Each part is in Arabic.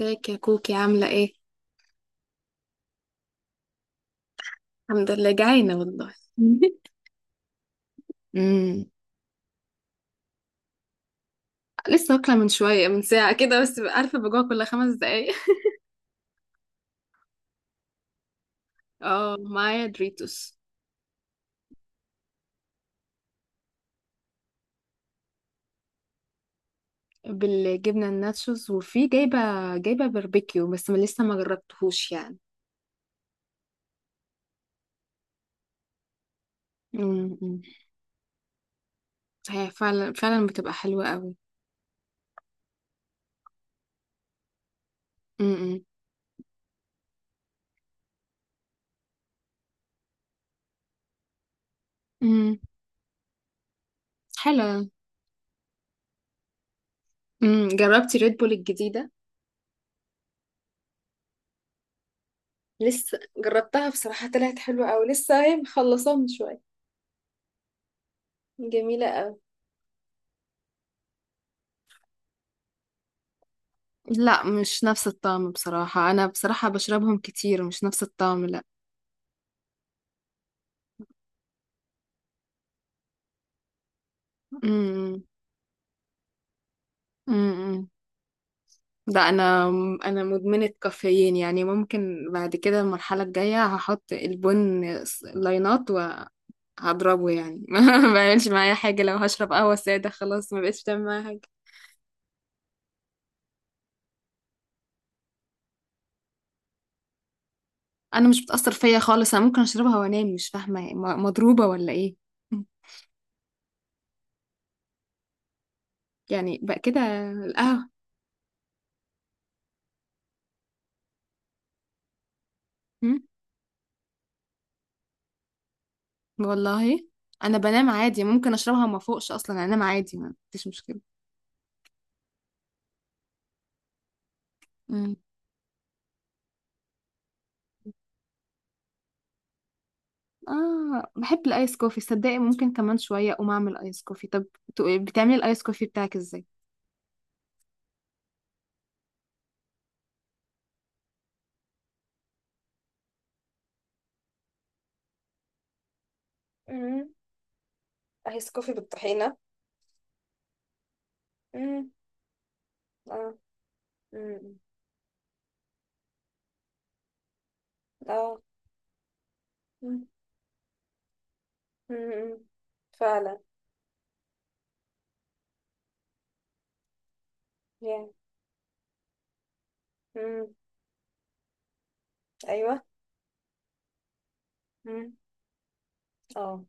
ازيك يا كوكي، عاملة ايه؟ الحمد لله، جعانة والله. امم. لسه واكلة من شوية، من ساعة كده، بس عارفة بجوع كل خمس دقايق. اه، معايا دريتوس بالجبنة الناتشوز، وفي جايبة باربيكيو بس ما لسه ما جربتهوش يعني. امم. هي فعلا فعلا بتبقى حلوة قوي. امم. امم. حلوة. جربتي ريد بول الجديدة؟ لسه جربتها بصراحة، طلعت حلوة قوي، لسه هي مخلصاها من شوية. جميلة قوي. لا، مش نفس الطعم بصراحة، أنا بصراحة بشربهم كتير، مش نفس الطعم لا. امم. امم. إمم، إمم. لا، أنا مدمنة كافيين، يعني ممكن بعد كده المرحلة الجاية هحط البن لاينات وهضربه يعني. ما بعملش معايا حاجة، لو هشرب قهوة سادة خلاص ما بقتش بتعمل معايا حاجة. أنا مش بتأثر فيا خالص، أنا ممكن أشربها وأنام، مش فاهمة مضروبة ولا إيه. يعني بقى كده. القهوة. إمم. والله انا بنام عادي، ممكن اشربها ما فوقش اصلا، انام عادي، ما فيش مشكله. مم. اه، بحب الايس كوفي صدقي، ممكن كمان شويه اقوم اعمل ايس كوفي. طب بتعملي الايس كوفي بتاعك ازاي؟ مم. ايس كوفي بالطحينة. مم. اه. مم. اه. مم. مم. فعلا. yeah. مم. ايوه. مم. اه.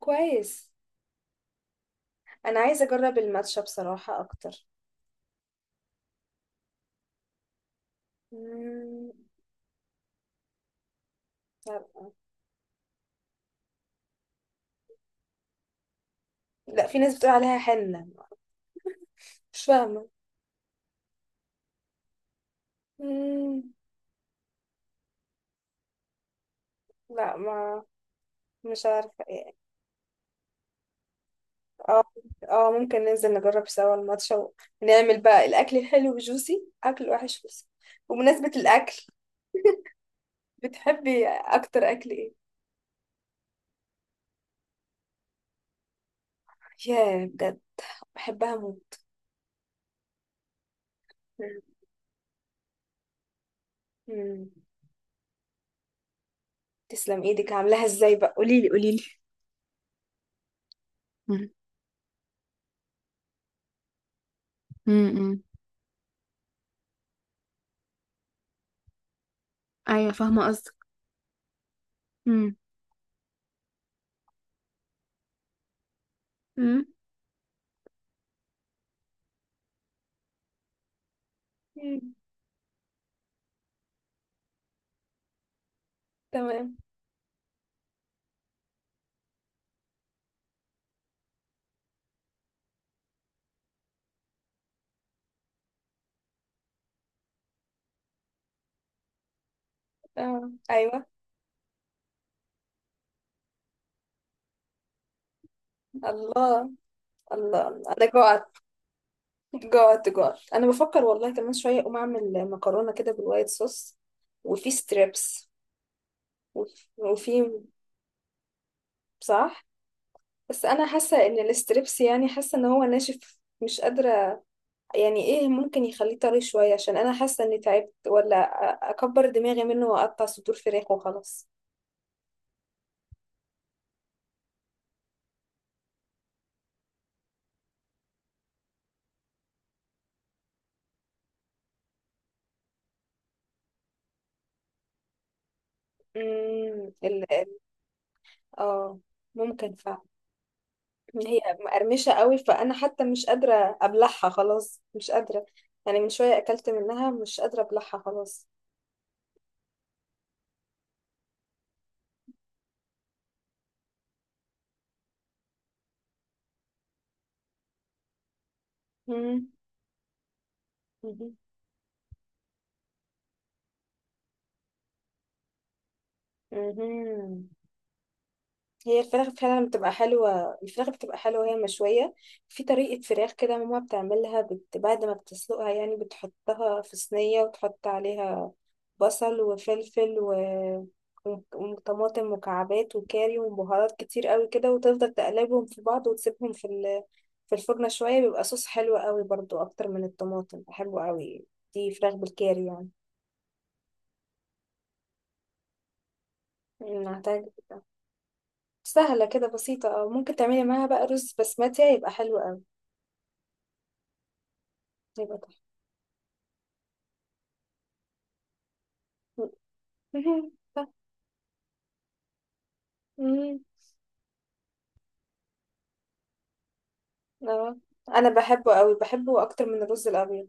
كويس. انا عايزة اجرب الماتشا بصراحة اكتر. مم. لا. لا، في ناس بتقول عليها حنة. مش فاهمة. مم. لا ما مش عارفة ايه. اه. اه، ممكن ننزل نجرب سوا الماتش، ونعمل بقى الأكل الحلو جوسي، أكل الوحش جوسي. وبمناسبة الأكل، بتحبي أكتر أكل ايه؟ ياه، بجد. بحبها موت. مم. تسلم ايدك، عاملاها ازاي بقى؟ قوليلي قوليلي. مم. مم. مم. ايوه، فاهمه قصدك. مم. مم. مم. تمام. اه، ايوه. الله. الله الله، انا جوعت. جاد جاد، انا بفكر والله كمان شويه اقوم اعمل مكرونه كده بالوايت صوص، وفي ستريبس. وفي. صح. بس انا حاسه ان الستريبس يعني حاسه ان هو ناشف، مش قادره. يعني ايه ممكن يخليه طري شويه؟ عشان انا حاسه اني تعبت، ولا اكبر دماغي منه واقطع صدور فراخ وخلاص. امم ال ال- اه، ممكن فعلا. هي مقرمشه قوي، فانا حتى مش قادره ابلعها خلاص، مش قادره. يعني من شويه اكلت منها، مش قادره ابلعها خلاص. مم. مهم. مهم. هي الفراخ فعلا بتبقى حلوة، الفراخ بتبقى حلوة وهي مشوية. في طريقة فراخ كده ماما بتعملها، بعد ما بتسلقها، يعني بتحطها في صينية وتحط عليها بصل وفلفل وطماطم مكعبات وكاري وبهارات كتير قوي كده، وتفضل تقلبهم في بعض وتسيبهم في في الفرن شوية، بيبقى صوص حلو قوي برضو، أكتر من الطماطم بحبه قوي. دي فراخ بالكاري يعني. نعتقد. سهلة كده بسيطة. اه، ممكن تعملي معاها بقى رز بسمتي، هيبقى حلو أوي. هيبقى تحفة. مهم. صح. مم. اه، أنا بحبه أوي، بحبه أكتر من الرز الأبيض.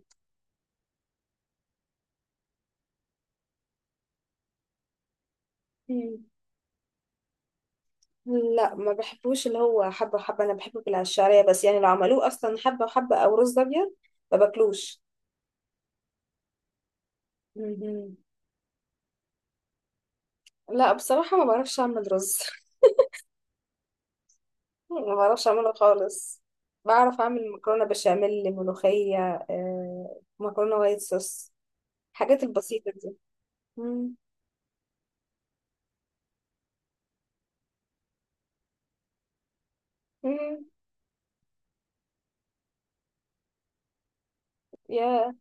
مم. لا، ما بحبوش اللي هو حبة وحبة، أنا بحبه بالعشارية. بس يعني لو عملوه أصلا حبة وحبة أو رز أبيض ما باكلوش. مم. لا، بصراحة ما بعرفش أعمل رز. ما بعرفش أعمله خالص. بعرف أعمل مكرونة بشاميل، ملوخية، آه، مكرونة وايت صوص، الحاجات البسيطة دي. مم. مم. يا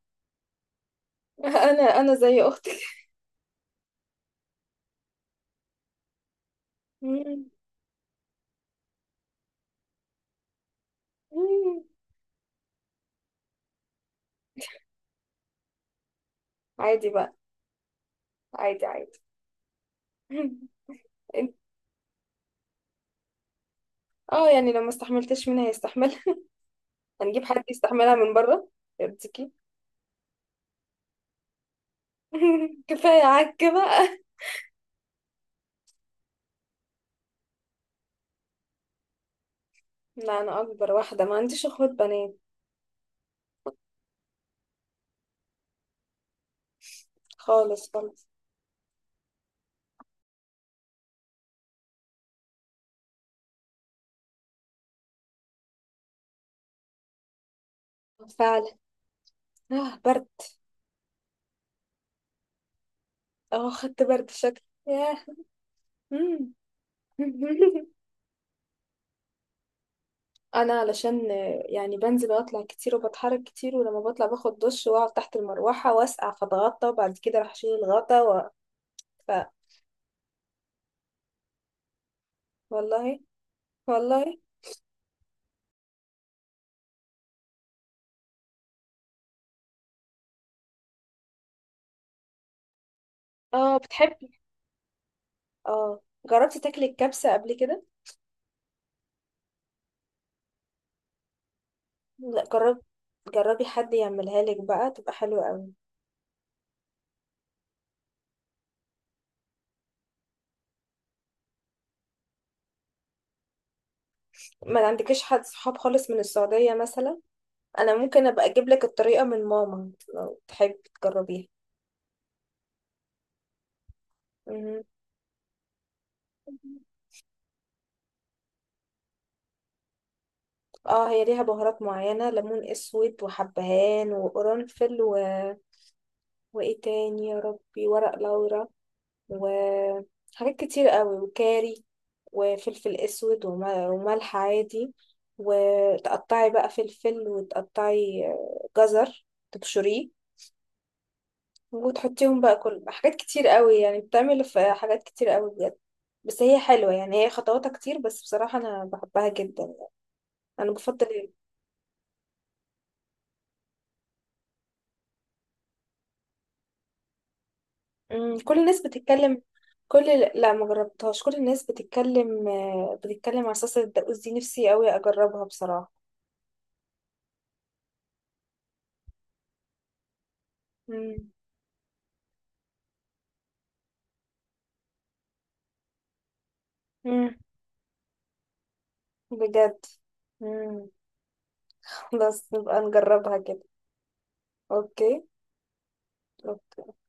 انا زي اختك. مم. مم. عادي بقى. عادي عادي. انت اه، يعني لو ما استحملتش منها هيستحملها. هنجيب حد يستحملها من بره. يرضيكي؟ كفايه عك بقى. لا، انا اكبر واحده، ما عنديش اخوات بنات خالص خالص. فعلا. اه، برد. اه، خدت برد شكل. ياه. مم. انا علشان آه، يعني بنزل واطلع كتير، وبتحرك كتير، ولما بطلع باخد دش واقعد تحت المروحه واسقع، فاتغطى، وبعد كده راح اتغطى ف... والله. والله. اه بتحبي اه، جربتي تاكلي الكبسة قبل كده؟ لا جرب جربي حد يعملها لك بقى، تبقى حلوة قوي. ما عندكيش حد صحاب خالص من السعودية مثلا؟ انا ممكن ابقى اجيب لك الطريقة من ماما لو تحبي تجربيها. مهم. اه، هي ليها بهارات معينة، ليمون اسود وحبهان وقرنفل وايه تاني يا ربي، ورق لورا، وحاجات كتير قوي وكاري، وفلفل اسود وملح عادي. وتقطعي بقى فلفل، وتقطعي آه، جزر، تبشريه، وتحطيهم بقى، كل حاجات كتير قوي، يعني بتعمل في حاجات كتير قوي بجد. بس هي حلوة يعني، هي خطواتها كتير، بس بصراحة أنا بحبها جدا. أنا بفضل أمم، كل الناس بتتكلم. كل لا، ما جربتهاش، كل الناس بتتكلم، آه، بتتكلم على صلصة الدقوس دي، نفسي قوي أجربها بصراحة. مم. مم. بجد. مم. خلاص نبقى نجربها كده. اوكي. أوكي.